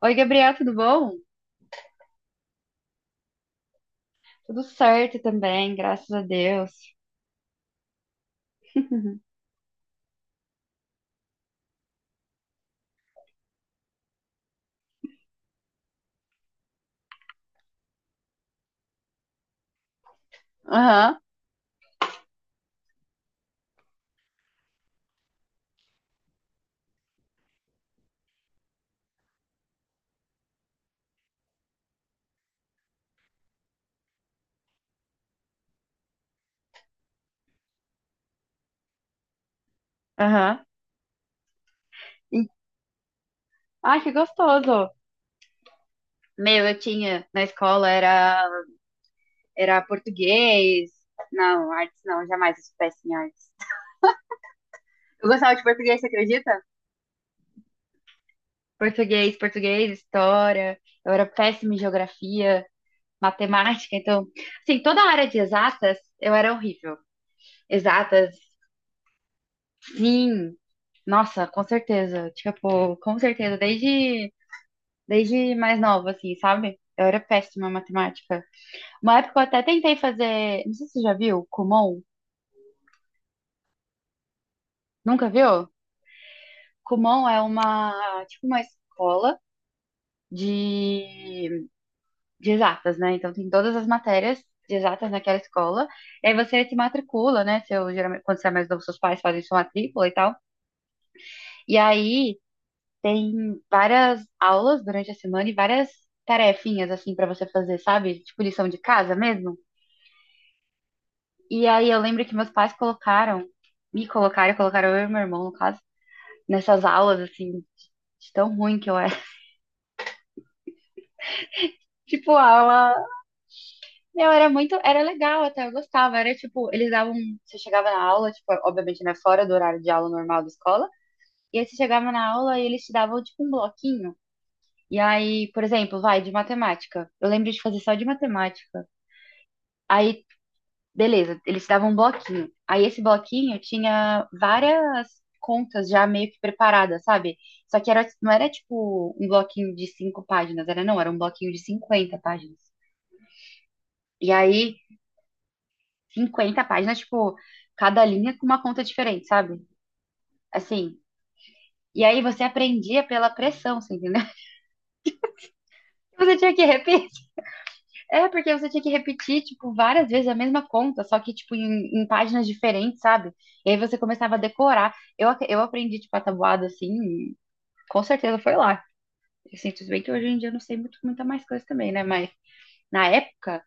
Oi, Gabriel, tudo bom? Tudo certo também, graças a Deus. Aham, aham. E- Ai, que gostoso. Meu, eu tinha na escola era português. Não, artes não, jamais eu soubesse em artes. Eu gostava de português, você acredita? Português, português, história. Eu era péssima em geografia, matemática, então, assim, toda a área de exatas, eu era horrível. Exatas, sim. Nossa, com certeza. Tipo, com certeza, desde mais nova, assim, sabe? Eu era péssima em matemática. Uma época eu até tentei fazer. Não sei se você já viu, Kumon. Nunca viu? Kumon é uma, tipo, uma escola de, de exatas, né? Então tem todas as matérias de exatas naquela escola. E aí você se matricula, né? Seu, geralmente, quando você é mais novo, seus pais fazem sua matrícula e tal. E aí tem várias aulas durante a semana e várias tarefinhas, assim, pra você fazer, sabe? Tipo lição de casa mesmo. E aí eu lembro que meus pais colocaram eu e meu irmão, no caso, nessas aulas, assim, de tão ruim que eu era. Tipo, aula. Meu, era muito. Era legal até, eu gostava. Era tipo, eles davam. Você chegava na aula, tipo, obviamente, né, fora do horário de aula normal da escola. E aí você chegava na aula e eles te davam, tipo, um bloquinho. E aí, por exemplo, vai de matemática. Eu lembro de fazer só de matemática. Aí, beleza, eles te davam um bloquinho. Aí esse bloquinho tinha várias contas já meio que preparadas, sabe? Só que não era tipo um bloquinho de cinco páginas, era não, era um bloquinho de 50 páginas. E aí, 50 páginas, tipo, cada linha com uma conta diferente, sabe? Assim. E aí você aprendia pela pressão, você entendeu? Você tinha que repetir. É, porque você tinha que repetir, tipo, várias vezes a mesma conta, só que, tipo, em páginas diferentes, sabe? E aí você começava a decorar. Eu aprendi, tipo, a tabuada, assim, e com certeza foi lá. Eu sinto bem que hoje em dia eu não sei muita mais coisa também, né? Mas na época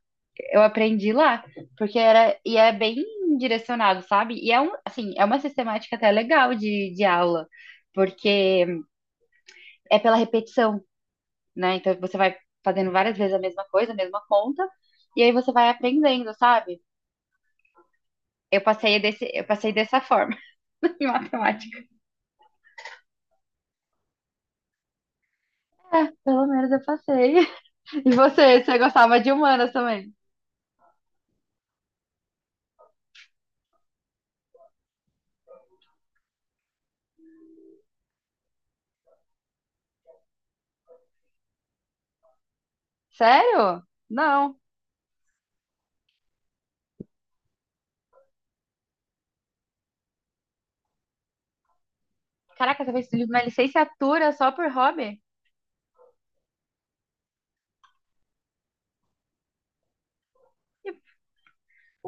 eu aprendi lá, porque era, e é bem direcionado, sabe? E é um, assim, é uma sistemática até legal de aula, porque é pela repetição, né? Então você vai fazendo várias vezes a mesma coisa, a mesma conta, e aí você vai aprendendo, sabe? Eu passei dessa forma em matemática. É, pelo menos eu passei. E você gostava de humanas também? Sério? Não. Caraca, você fez uma licenciatura só por hobby?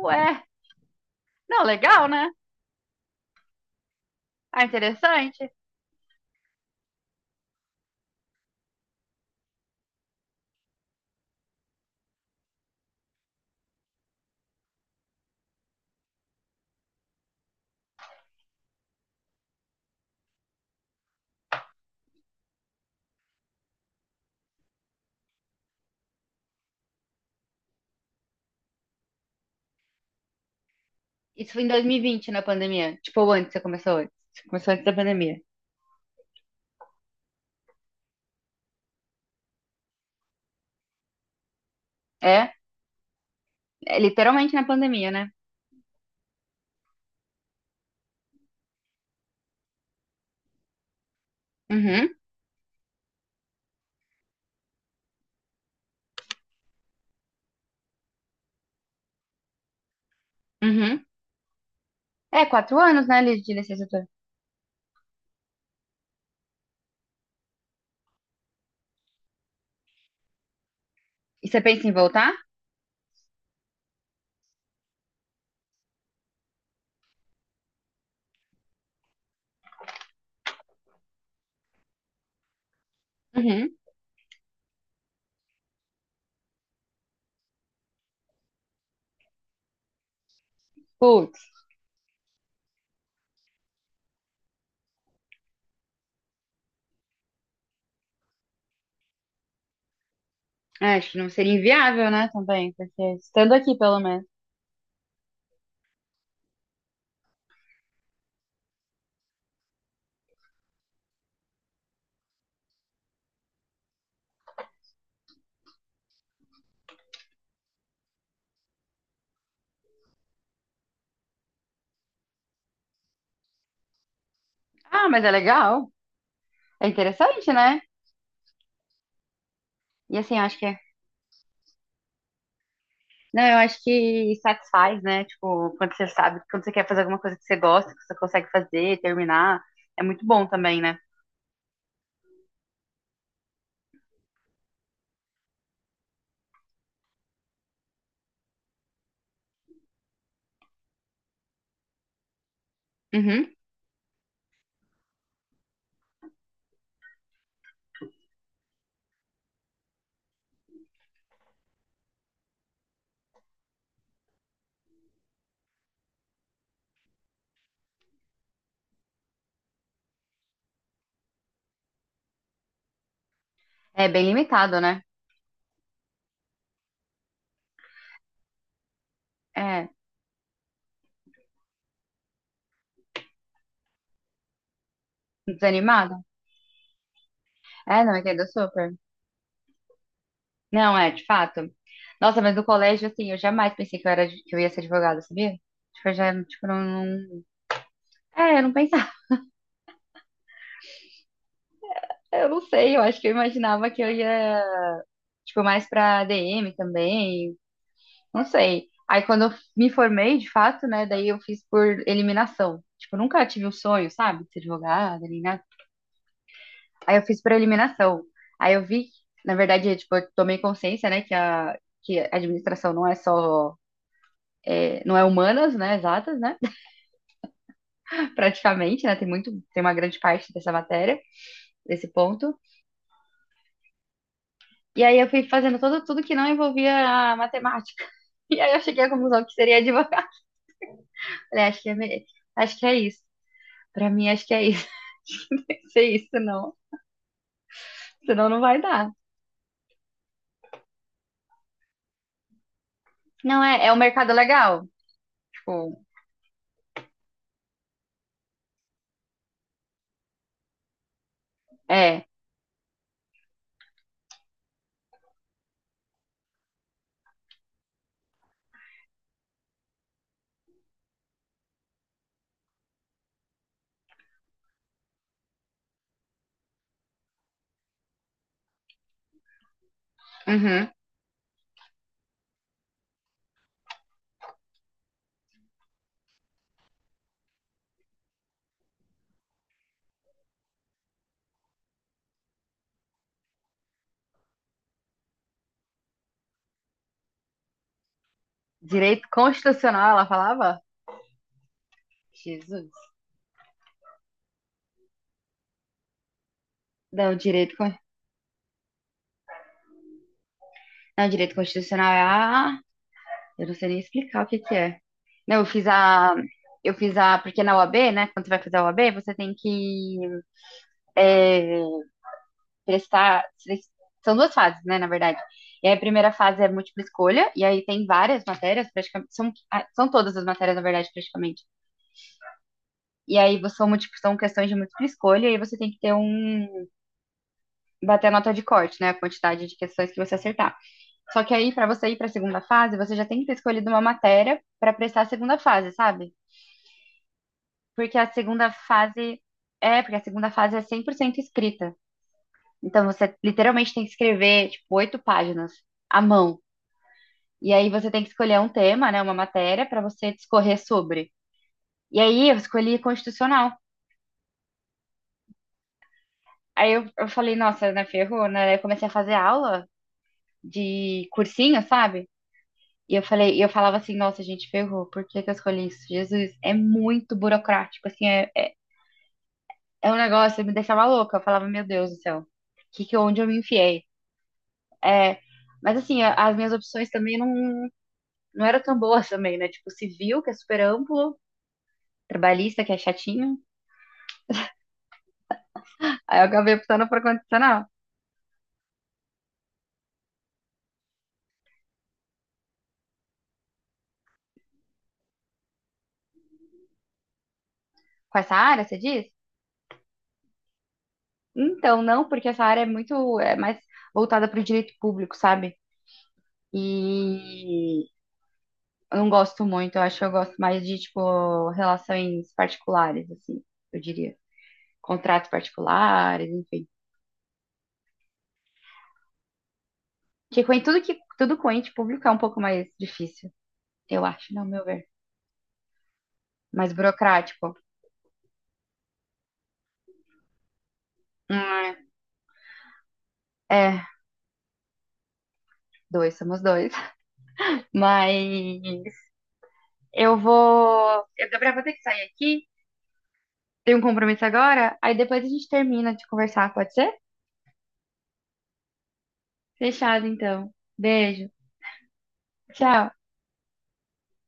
Ué, não, legal, né? Ah, interessante. Isso foi em 2020, na pandemia. Tipo, ou antes, você começou antes. Você começou antes da pandemia. É, é literalmente na pandemia, né? Uhum, uhum. É, 4 anos, né, Liz, de licenciatura. E você pensa em voltar? Uhum. Putz. É, acho que não seria inviável, né, também, porque estando aqui, pelo menos. Ah, mas é legal. É interessante, né? E assim, eu acho que é. Não, eu acho que satisfaz, né? Tipo, quando você sabe, quando você quer fazer alguma coisa que você gosta, que você consegue fazer, terminar, é muito bom também, né? Uhum. É bem limitado, né? É, desanimado. É, não, entendo super. Não, é, de fato. Nossa, mas no colégio, assim, eu jamais pensei que eu ia ser advogada, sabia? Tipo, eu já, tipo, não, não... É, eu não pensava. Eu não sei, eu acho que eu imaginava que eu ia tipo, mais pra DM também, não sei. Aí quando eu me formei, de fato, né, daí eu fiz por eliminação. Tipo, nunca tive o sonho, sabe, de ser advogada, nem nada. Aí eu fiz por eliminação. Aí eu vi, na verdade, tipo, eu tomei consciência, né, que a administração não é só, é, não é humanas, né, exatas, né, praticamente, né, tem uma grande parte dessa matéria, desse ponto. E aí eu fui fazendo tudo que não envolvia a matemática. E aí eu cheguei à conclusão que seria advogada. Falei, acho que é, acho que é isso. Pra mim, acho que é isso. Não, tem que ser isso, não. Senão não vai dar. Não, é um mercado legal. Tipo, é. Uhum. Direito constitucional, ela falava? Jesus. Não, não, direito constitucional é a. Eu não sei nem explicar o que que é. Não, eu fiz a. Eu fiz a. Porque na UAB, né? Quando você vai fazer a UAB, você tem que é, prestar. São duas fases, né, na verdade. E aí a primeira fase é múltipla escolha, e aí tem várias matérias, praticamente. São todas as matérias, na verdade, praticamente. E aí são questões de múltipla escolha, e aí você tem que ter um. Bater a nota de corte, né? A quantidade de questões que você acertar. Só que aí, para você ir para a segunda fase, você já tem que ter escolhido uma matéria para prestar a segunda fase, sabe? Porque a segunda fase. É, porque a segunda fase é 100% escrita. Então você literalmente tem que escrever, tipo, oito páginas à mão. E aí você tem que escolher um tema, né, uma matéria para você discorrer sobre. E aí eu escolhi constitucional. Aí eu falei, nossa, né, ferrou, né? Aí eu comecei a fazer aula de cursinho, sabe? E eu falava assim, nossa, gente, ferrou, por que que eu escolhi isso? Jesus, é muito burocrático, assim, é um negócio que me deixava louca. Eu falava, meu Deus do céu, onde eu me enfiei? É, mas assim, as minhas opções também não eram tão boas também, né? Tipo, civil, que é super amplo, trabalhista, que é chatinho. Aí eu acabei optando por constitucional. Com essa área, você diz? Então, não, porque essa área é mais voltada para o direito público, sabe? E eu não gosto muito, eu acho que eu gosto mais de, tipo, relações particulares, assim, eu diria. Contratos particulares, enfim. Porque tudo com ente público é um pouco mais difícil, eu acho, no meu ver. Mais burocrático. É, dois, somos dois. Mas eu vou. Eu, Gabriel, vou ter que sair aqui. Tem um compromisso agora? Aí depois a gente termina de conversar, pode ser? Fechado, então. Beijo. Tchau.